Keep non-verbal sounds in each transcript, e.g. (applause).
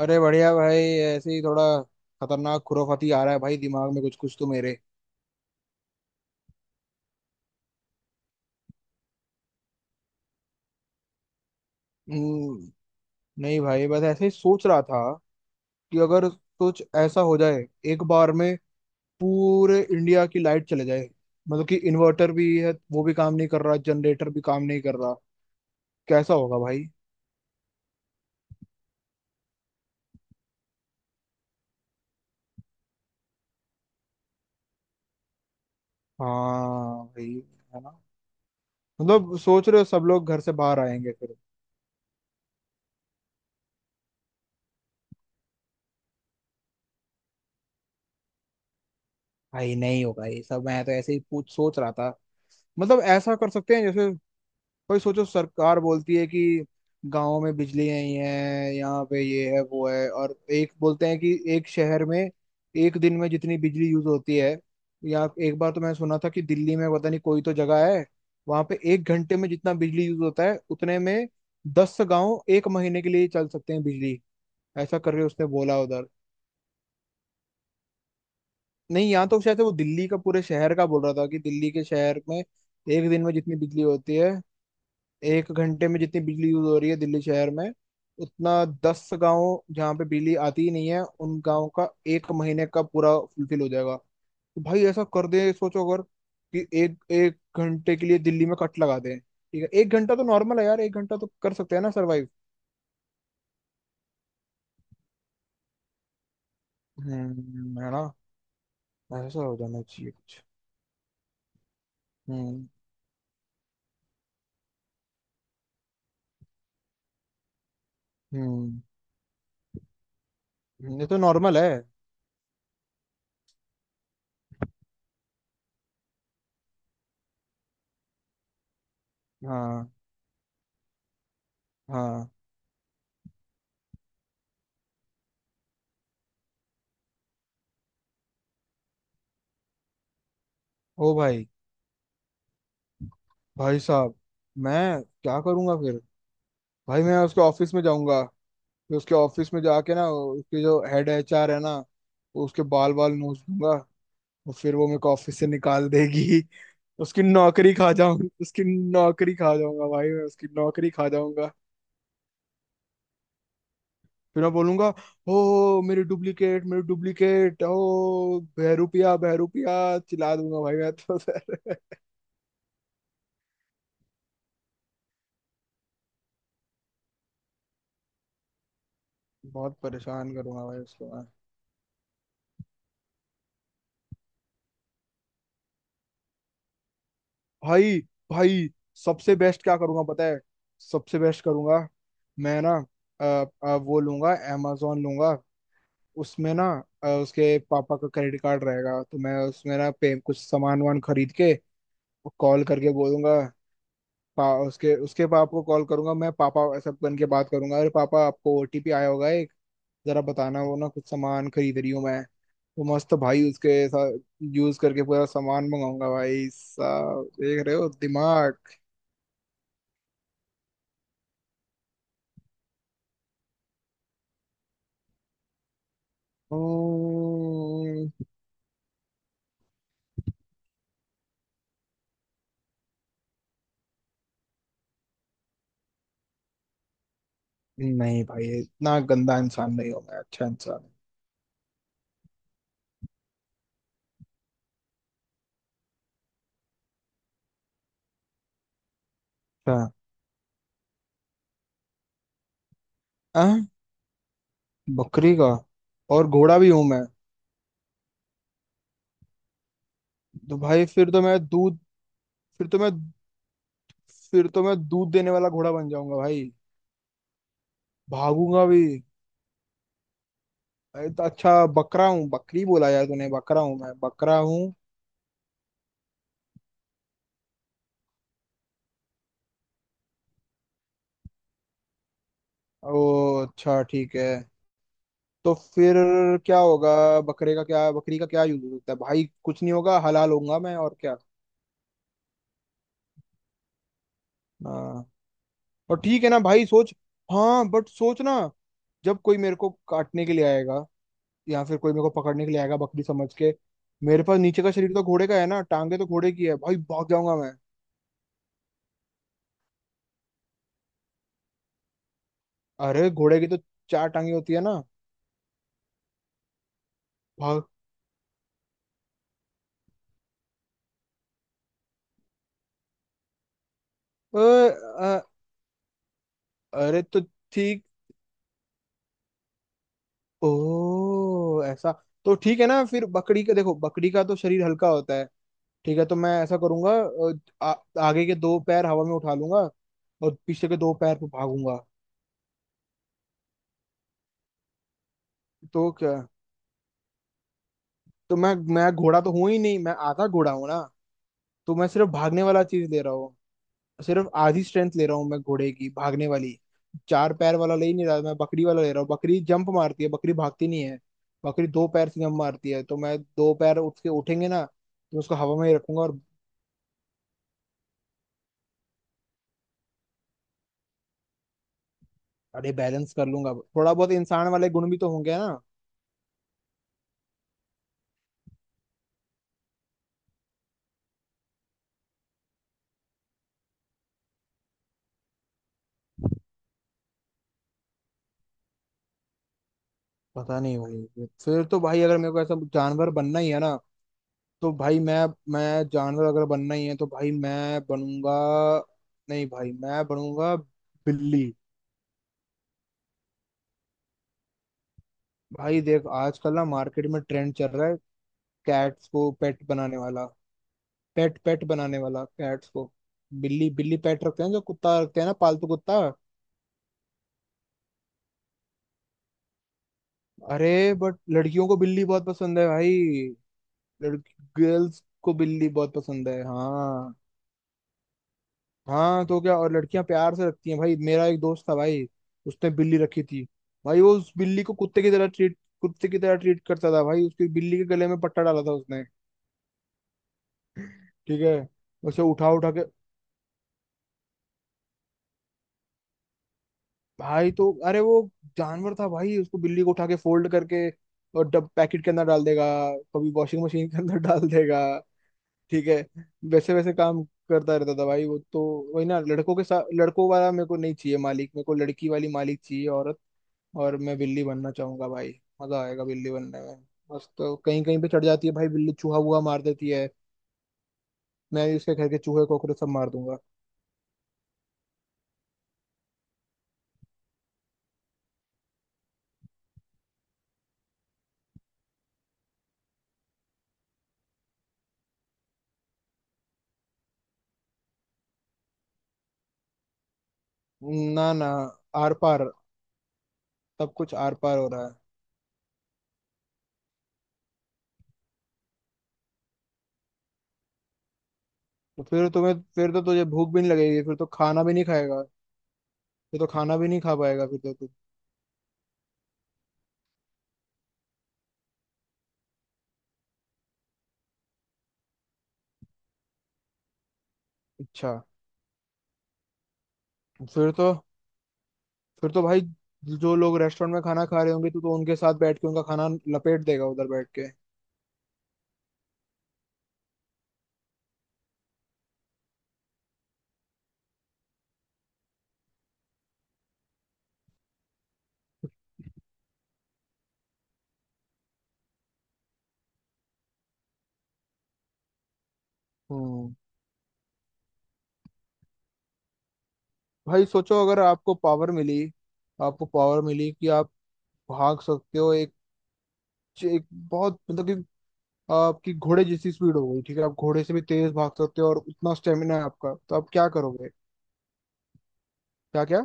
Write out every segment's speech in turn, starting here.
अरे बढ़िया भाई, ऐसे ही थोड़ा खतरनाक खुराफाती आ रहा है भाई, दिमाग में कुछ कुछ तो मेरे। हम्म, नहीं भाई, बस ऐसे ही सोच रहा था कि अगर कुछ ऐसा हो जाए, एक बार में पूरे इंडिया की लाइट चले जाए। मतलब कि इन्वर्टर भी है वो भी काम नहीं कर रहा, जनरेटर भी काम नहीं कर रहा। कैसा होगा भाई? हाँ भाई, है ना? मतलब सोच रहे हो सब लोग घर से बाहर आएंगे फिर? भाई नहीं होगा ये सब, मैं तो ऐसे ही पूछ सोच रहा था। मतलब ऐसा कर सकते हैं जैसे, भाई सोचो, सरकार बोलती है कि गांव में बिजली नहीं है, यहाँ पे ये है वो है, और एक बोलते हैं कि एक शहर में एक दिन में जितनी बिजली यूज होती है, या एक बार तो मैंने सुना था कि दिल्ली में पता नहीं कोई तो जगह है, वहां पे एक घंटे में जितना बिजली यूज होता है, उतने में 10 गांव एक महीने के लिए चल सकते हैं बिजली। ऐसा करके उसने बोला उधर। नहीं, यहाँ तो शायद से वो दिल्ली का, पूरे शहर का बोल रहा था कि दिल्ली के शहर में एक दिन में जितनी बिजली होती है, एक घंटे में जितनी बिजली यूज हो रही है दिल्ली शहर में, उतना 10 गांव जहाँ पे बिजली आती ही नहीं है, उन गांव का एक महीने का पूरा फुलफिल हो जाएगा। तो भाई ऐसा कर दे, सोचो अगर, कि एक एक घंटे के लिए दिल्ली में कट लगा दें। ठीक है, एक घंटा तो नॉर्मल है यार, एक घंटा तो कर सकते हैं ना सरवाइव। हम्म, है ना? ऐसा हो जाना चाहिए कुछ। हम्म। हम्म। ये तो नॉर्मल है। हाँ, हाँ। ओ भाई! भाई साहब, मैं क्या करूंगा फिर? भाई मैं उसके ऑफिस में जाऊंगा, फिर उसके ऑफिस में जाके ना उसके जो हेड एचआर है ना, उसके बाल बाल नोच दूंगा, और फिर वो मेरे को ऑफिस से निकाल देगी। उसकी नौकरी खा जाऊं उसकी, नौकरी खा जाऊंगा भाई, मैं उसकी नौकरी खा जाऊंगा। फिर मैं बोलूंगा, ओ मेरी डुप्लीकेट, मेरी डुप्लीकेट, ओ बहरूपिया बहरूपिया, चिल्ला दूंगा भाई मैं तो (laughs) बहुत परेशान करूंगा भाई उसको मैं। भाई, भाई, सबसे बेस्ट क्या करूंगा पता है? सबसे बेस्ट करूंगा, मैं ना अ, वो लूंगा, amazon लूंगा, उसमें ना उसके पापा का क्रेडिट कार्ड रहेगा, तो मैं उसमें ना पे कुछ सामान वामान खरीद के कॉल करके बोलूंगा। उसके उसके पापा को कॉल करूंगा मैं, पापा ऐसा बन के बात करूंगा, अरे पापा आपको ओटीपी आया होगा एक, जरा बताना, वो ना कुछ सामान खरीद रही हूँ मैं, तो मस्त भाई उसके साथ यूज करके पूरा सामान मंगाऊंगा। भाई साहब देख रहे हो दिमाग? ओ, नहीं भाई इतना गंदा इंसान नहीं हूं मैं, अच्छा इंसान हूं। अच्छा। आ? बकरी का, और घोड़ा भी हूं मैं? तो भाई फिर तो मैं फिर तो मैं दूध देने वाला घोड़ा बन जाऊंगा भाई, भागूंगा भी। अरे तो अच्छा बकरा हूँ, बकरी बोला यार तूने, बकरा हूँ, मैं बकरा हूँ। ओ अच्छा, ठीक है। तो फिर क्या होगा बकरे का? क्या बकरी का क्या यूज हो सकता है भाई, कुछ नहीं होगा, हलाल होऊंगा मैं और क्या। और ठीक है ना भाई, सोच। हाँ बट सोच ना, जब कोई मेरे को काटने के लिए आएगा, या फिर कोई मेरे को पकड़ने के लिए आएगा बकरी समझ के, मेरे पास नीचे का शरीर तो घोड़े का है ना, टांगे तो घोड़े की है भाई, भाग जाऊंगा मैं। अरे घोड़े की तो चार टांगे होती है ना। भाग। अ, अ, अरे तो ठीक, ओ ऐसा। तो ठीक है ना, फिर बकरी का देखो बकरी का तो शरीर हल्का होता है। ठीक है, तो मैं ऐसा करूंगा, आगे के दो पैर हवा में उठा लूंगा, और पीछे के दो पैर पे भागूंगा। तो क्या, तो मैं घोड़ा तो हूं ही नहीं, मैं आधा घोड़ा हूं ना। तो मैं सिर्फ भागने वाला चीज ले रहा हूँ, सिर्फ आधी स्ट्रेंथ ले रहा हूँ मैं घोड़े की भागने वाली। चार पैर वाला ले ही नहीं रहा, मैं बकरी वाला ले रहा हूँ, बकरी जंप मारती है, बकरी भागती नहीं है। बकरी दो पैर से जंप मारती है, तो मैं दो पैर उठ के उठेंगे ना तो उसको हवा में ही रखूंगा और। अरे बैलेंस कर लूंगा, थोड़ा बहुत इंसान वाले गुण भी तो होंगे ना। पता नहीं भाई, फिर तो भाई अगर मेरे को ऐसा जानवर बनना ही है ना, तो भाई मैं जानवर अगर बनना ही है तो भाई मैं बनूंगा, नहीं भाई मैं बनूंगा बिल्ली। भाई देख, आजकल ना मार्केट में ट्रेंड चल रहा है, कैट्स को पेट बनाने वाला, पेट पेट बनाने वाला कैट्स को, बिल्ली बिल्ली पेट रखते हैं, जो कुत्ता रखते हैं ना पालतू कुत्ता। अरे बट लड़कियों को बिल्ली बहुत पसंद है भाई, लड़की, गर्ल्स को बिल्ली बहुत पसंद है, हाँ। हाँ तो क्या, और लड़कियां प्यार से रखती हैं भाई, मेरा एक दोस्त था भाई, उसने बिल्ली रखी थी। भाई वो उस बिल्ली को कुत्ते की तरह ट्रीट, कुत्ते की तरह ट्रीट करता था भाई, उसकी बिल्ली के गले में पट्टा डाला था उसने। ठीक है, उसे उठा उठा के, भाई तो अरे वो जानवर था भाई, उसको बिल्ली को उठा के फोल्ड करके और डब पैकेट के अंदर डाल देगा, कभी वॉशिंग मशीन के अंदर (laughs) डाल देगा। ठीक है, वैसे वैसे काम करता रहता था भाई वो तो, वही ना लड़कों के साथ लड़कों वाला मेरे को नहीं चाहिए मालिक, मेरे को लड़की वाली मालिक चाहिए, औरत। और मैं बिल्ली बनना चाहूंगा भाई, मजा आएगा बिल्ली बनने में। बस तो कहीं कहीं पे चढ़ जाती है भाई बिल्ली, चूहा वूहा मार देती है, मैं भी उसके घर के चूहे कॉकरोच सब मार दूंगा। ना, ना। आर पार, सब कुछ आर पार हो रहा है। तो फिर तो तुझे भूख भी नहीं लगेगी, फिर तो खाना भी नहीं खाएगा, फिर तो खाना भी नहीं खा पाएगा, फिर तो तू। अच्छा। फिर तो फिर तो भाई जो लोग रेस्टोरेंट में खाना खा रहे होंगे, तू तो उनके साथ बैठ के उनका खाना लपेट देगा उधर बैठ के। हम्म भाई सोचो अगर आपको पावर मिली, आपको पावर मिली कि आप भाग सकते हो, एक, एक बहुत मतलब कि आपकी घोड़े जैसी स्पीड हो गई, ठीक है आप घोड़े से भी तेज भाग सकते हो और उतना स्टेमिना है आपका, तो आप क्या करोगे? क्या क्या?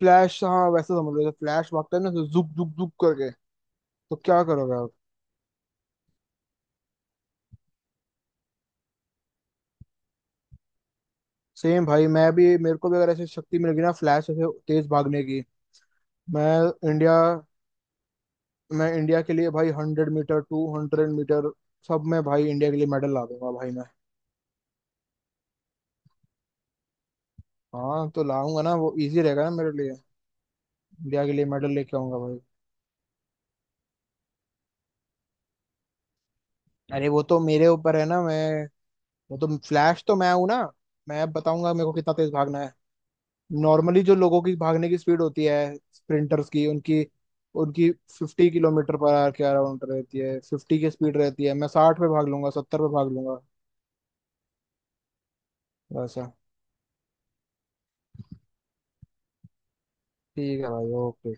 फ्लैश, हाँ, वैसे समझ लो फ्लैश भागता है ना तो जुक जुक जुक करके, तो क्या करोगे आप? सेम भाई मैं भी, मेरे को भी अगर ऐसी शक्ति मिल गई ना फ्लैश ऐसे तेज भागने की, मैं इंडिया मैं इंडिया के लिए भाई 100 मीटर 200 मीटर, सब में भाई इंडिया के लिए मेडल ला दूंगा भाई मैं। हाँ तो लाऊंगा ना, वो इजी रहेगा ना मेरे लिए। इंडिया के लिए मेडल लेके आऊंगा भाई। अरे वो तो मेरे ऊपर है ना मैं, वो तो फ्लैश तो मैं हूं ना, मैं बताऊंगा मेरे को कितना तेज भागना है। नॉर्मली जो लोगों की भागने की स्पीड होती है स्प्रिंटर्स की, उनकी, उनकी 50 किलोमीटर पर आवर के अराउंड रहती है, 50 की स्पीड रहती है, मैं 60 पे भाग लूंगा, 70 पे भाग लूंगा। वैसा, ठीक है भाई, ओके।